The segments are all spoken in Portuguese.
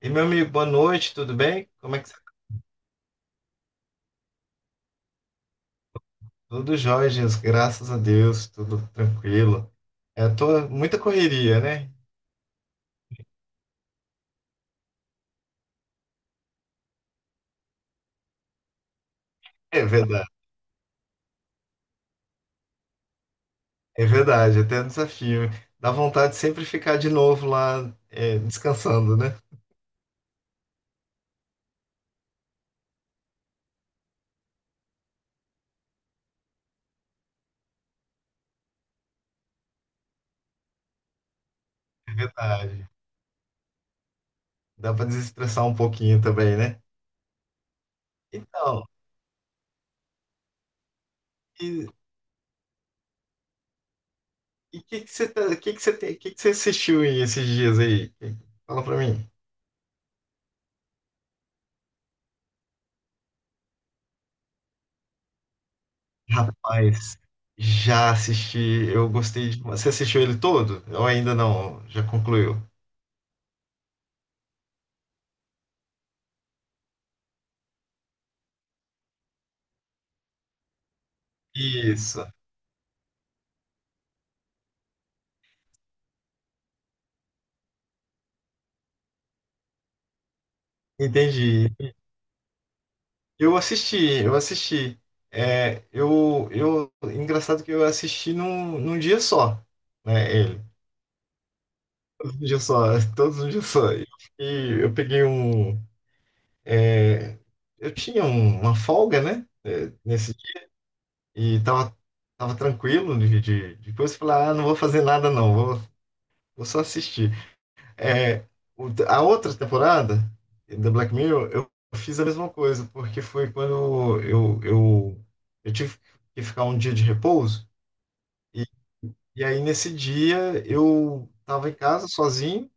E meu amigo, boa noite, tudo bem? Como é que você tá? Tudo jóia, Jesus, graças a Deus, tudo tranquilo. Tô muita correria, né? É verdade, é verdade, até um desafio. Dá vontade de sempre ficar de novo lá, descansando, né? É verdade. Dá para desestressar um pouquinho também, né? Então, e o que que você que você tem, que você assistiu aí esses dias aí? Fala pra mim. Rapaz, já assisti, eu gostei de. Você assistiu ele todo? Ou ainda não? Já concluiu? Isso, entendi. Eu assisti, eu assisti. Engraçado que eu assisti num dia só, né? Ele. Todos um dia só, todos um dia só. E eu peguei um. é, Eu tinha uma folga, né? Nesse dia. E tava, tava tranquilo de coisa. Falei, ah, não vou fazer nada, não, vou só assistir. É, a outra temporada da Black Mirror, eu fiz a mesma coisa, porque foi quando eu tive que ficar um dia de repouso, e, e aí nesse dia eu estava em casa sozinho,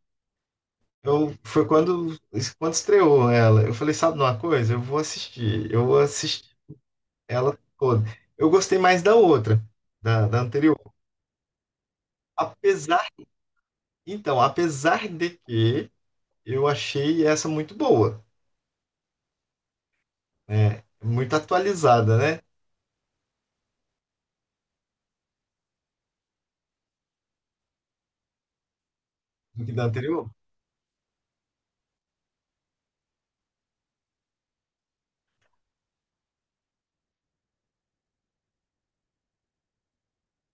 foi quando estreou ela. Eu falei, sabe de uma coisa? Eu vou assistir ela toda. Eu gostei mais da outra, da anterior. Apesar, então, apesar de que eu achei essa muito boa. Muito atualizada, né? Do que da anterior.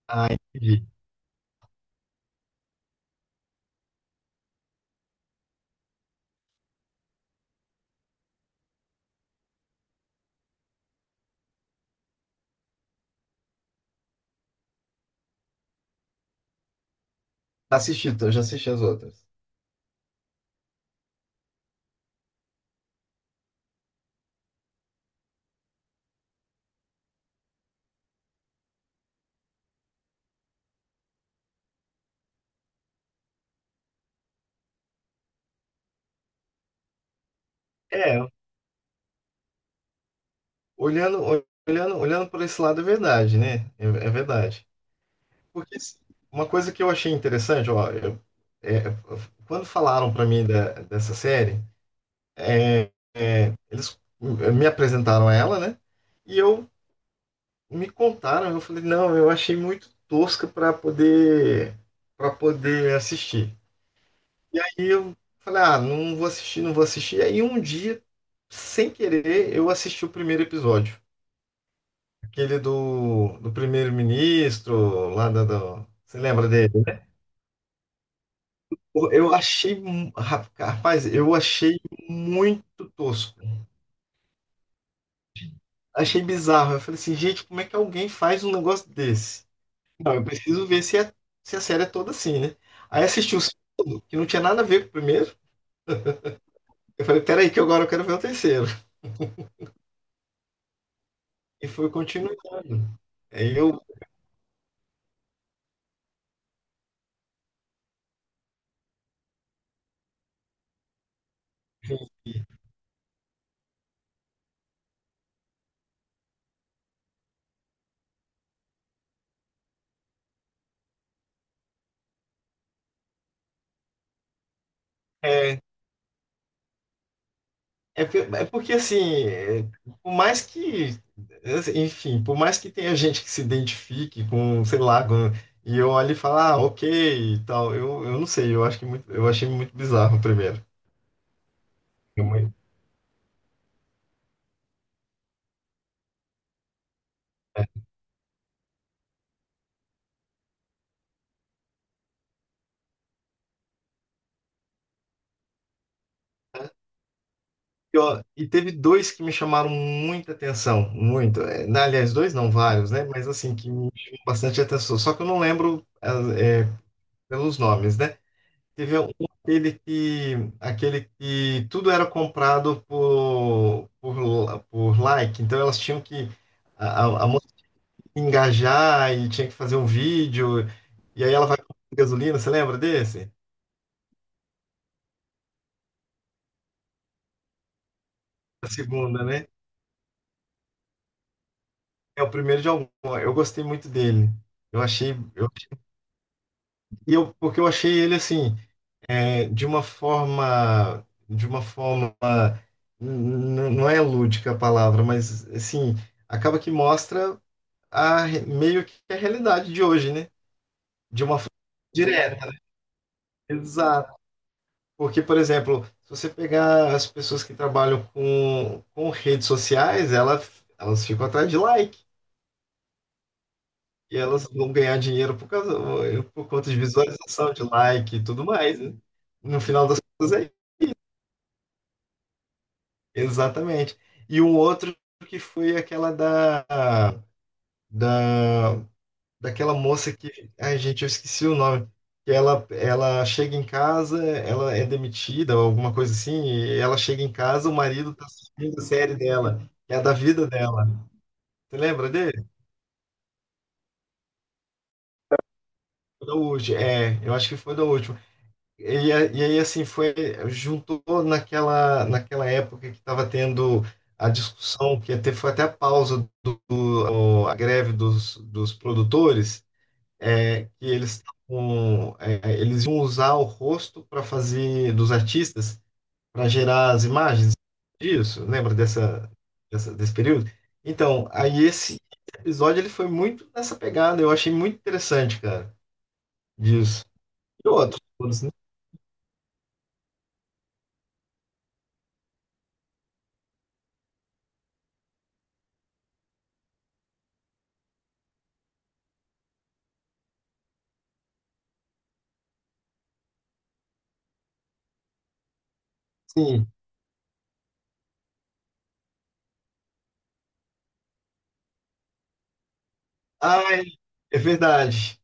Ah, entendi. Assisti, eu já assisti as outras. É, olhando, olhando por esse lado é verdade, né? É, é verdade. Porque uma coisa que eu achei interessante, ó, é, quando falaram para mim dessa série, é, eles me apresentaram ela, né? E eu me contaram, eu falei, não, eu achei muito tosca para poder assistir. E eu falei, ah, não vou assistir, não vou assistir. Aí um dia, sem querer, eu assisti o primeiro episódio. Aquele do primeiro-ministro, lá Você lembra dele, né? Eu achei, rapaz, eu achei muito tosco. Achei bizarro. Eu falei assim, gente, como é que alguém faz um negócio desse? Não, eu preciso ver se se a série é toda assim, né? Aí assisti o segundo, que não tinha nada a ver com o primeiro. Eu falei, peraí, que agora eu quero ver o terceiro. E foi continuando. Aí eu. É, é porque assim, por mais que, enfim, por mais que tenha gente que se identifique com, sei lá, e eu olho e falo, ah, ok, e tal, eu não sei, eu achei muito bizarro o primeiro. Eu muito- ó, e teve dois que me chamaram muita atenção, muito. Aliás, dois não, vários, né? Mas assim, que me chamou bastante atenção. Só que eu não lembro é, pelos nomes, né? Teve um- aquele aquele que tudo era comprado por like, então elas tinham que, a a moça tinha que engajar e tinha que fazer um vídeo, e aí ela vai com gasolina, você lembra desse? A segunda, né? É o primeiro de algum. Eu gostei muito dele. Eu achei, eu, e eu, porque eu achei ele assim, de uma forma, n- não é lúdica a palavra, mas assim, acaba que mostra. Meio que a realidade de hoje, né? De uma forma direta, né? Exato. Porque, por exemplo, se você pegar as pessoas que trabalham com redes sociais, elas ficam atrás de like. E elas vão ganhar dinheiro por conta de visualização, de like e tudo mais, né? No final das contas é isso. Exatamente. E um outro que foi aquela da daquela moça que, ai, gente, eu esqueci o nome. Ela chega em casa, ela é demitida, ou alguma coisa assim, e ela chega em casa, o marido tá assistindo a série dela, que é a da vida dela. Você lembra dele? Foi da última, é, eu acho que foi da última. E, aí, assim, foi, juntou naquela época que estava tendo a discussão, que até, foi até a pausa a greve dos produtores. Que eles tavam, eles iam usar o rosto para fazer dos artistas para gerar as imagens disso. Lembra desse período? Então, aí esse episódio ele foi muito nessa pegada. Eu achei muito interessante, cara, disso. E outros, todos, né? Sim. Ai, é verdade.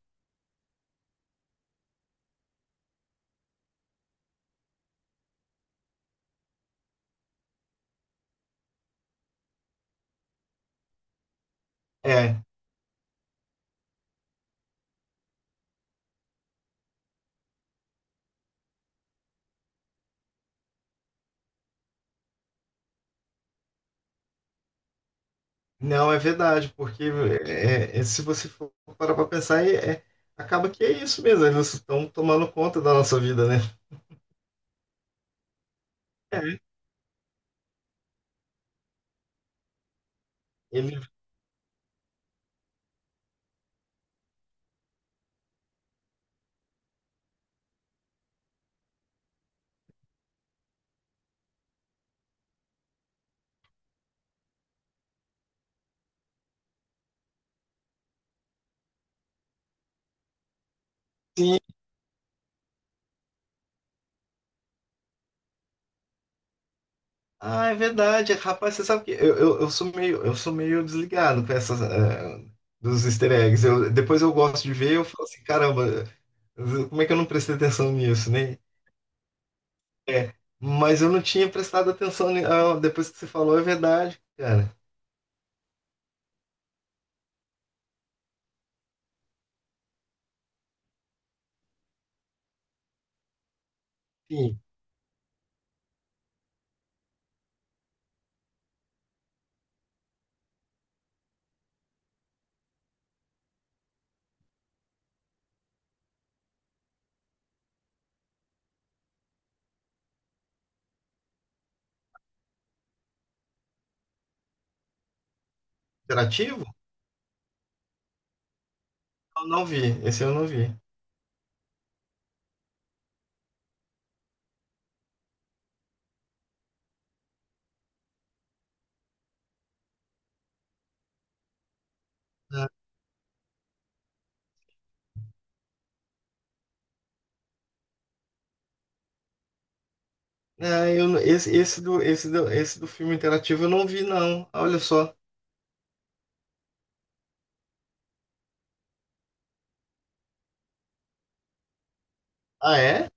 É. Não, é verdade, porque se você for parar para pensar, acaba que é isso mesmo. Eles estão tomando conta da nossa vida, né? Ele, sim, ah, é verdade. Rapaz, você sabe que eu sou meio desligado com essas, dos easter eggs. Eu, depois eu gosto de ver, eu falo assim, caramba, como é que eu não prestei atenção nisso, né? É, mas eu não tinha prestado atenção. Depois que você falou, é verdade, cara. Sim, interativo? Eu não vi. Esse eu não vi. Ah, ah, eu, não- esse, esse do filme interativo eu não vi, não. Olha só. Ah, é?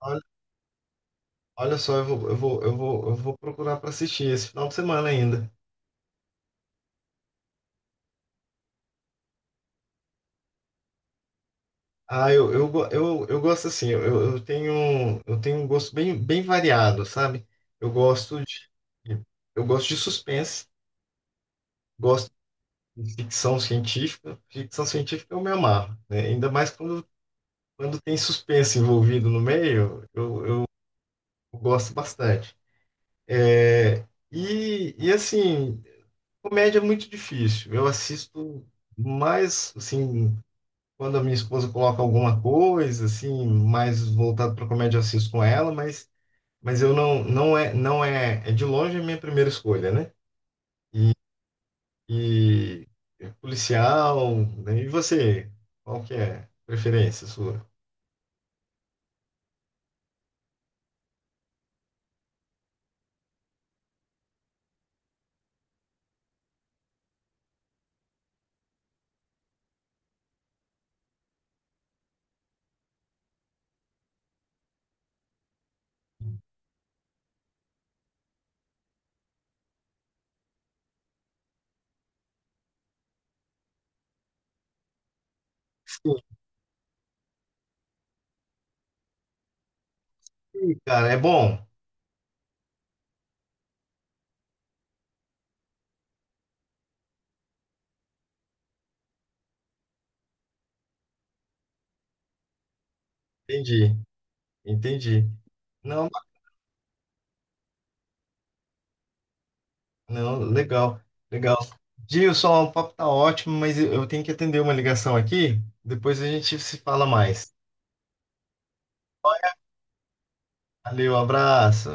Olha, olha só, eu vou, eu vou, eu vou, eu vou procurar para assistir esse final de semana ainda. Eu gosto assim, eu tenho um gosto bem, bem variado, sabe? Eu gosto de, eu gosto de suspense, gosto de ficção científica. Ficção científica eu me amarro, né? Ainda mais quando tem suspense envolvido no meio, eu gosto bastante. É, e assim, comédia é muito difícil. Eu assisto mais, assim, quando a minha esposa coloca alguma coisa, assim, mais voltado para comédia, eu assisto com ela, mas eu não, não é, é de longe a minha primeira escolha, né? E, e é policial, né? E você, qual que é a preferência sua? Sim, sim, cara, é bom. Entendi, entendi. Não, não, legal, legal. Gilson, o papo tá ótimo, mas eu tenho que atender uma ligação aqui. Depois a gente se fala mais. Valeu, abraço.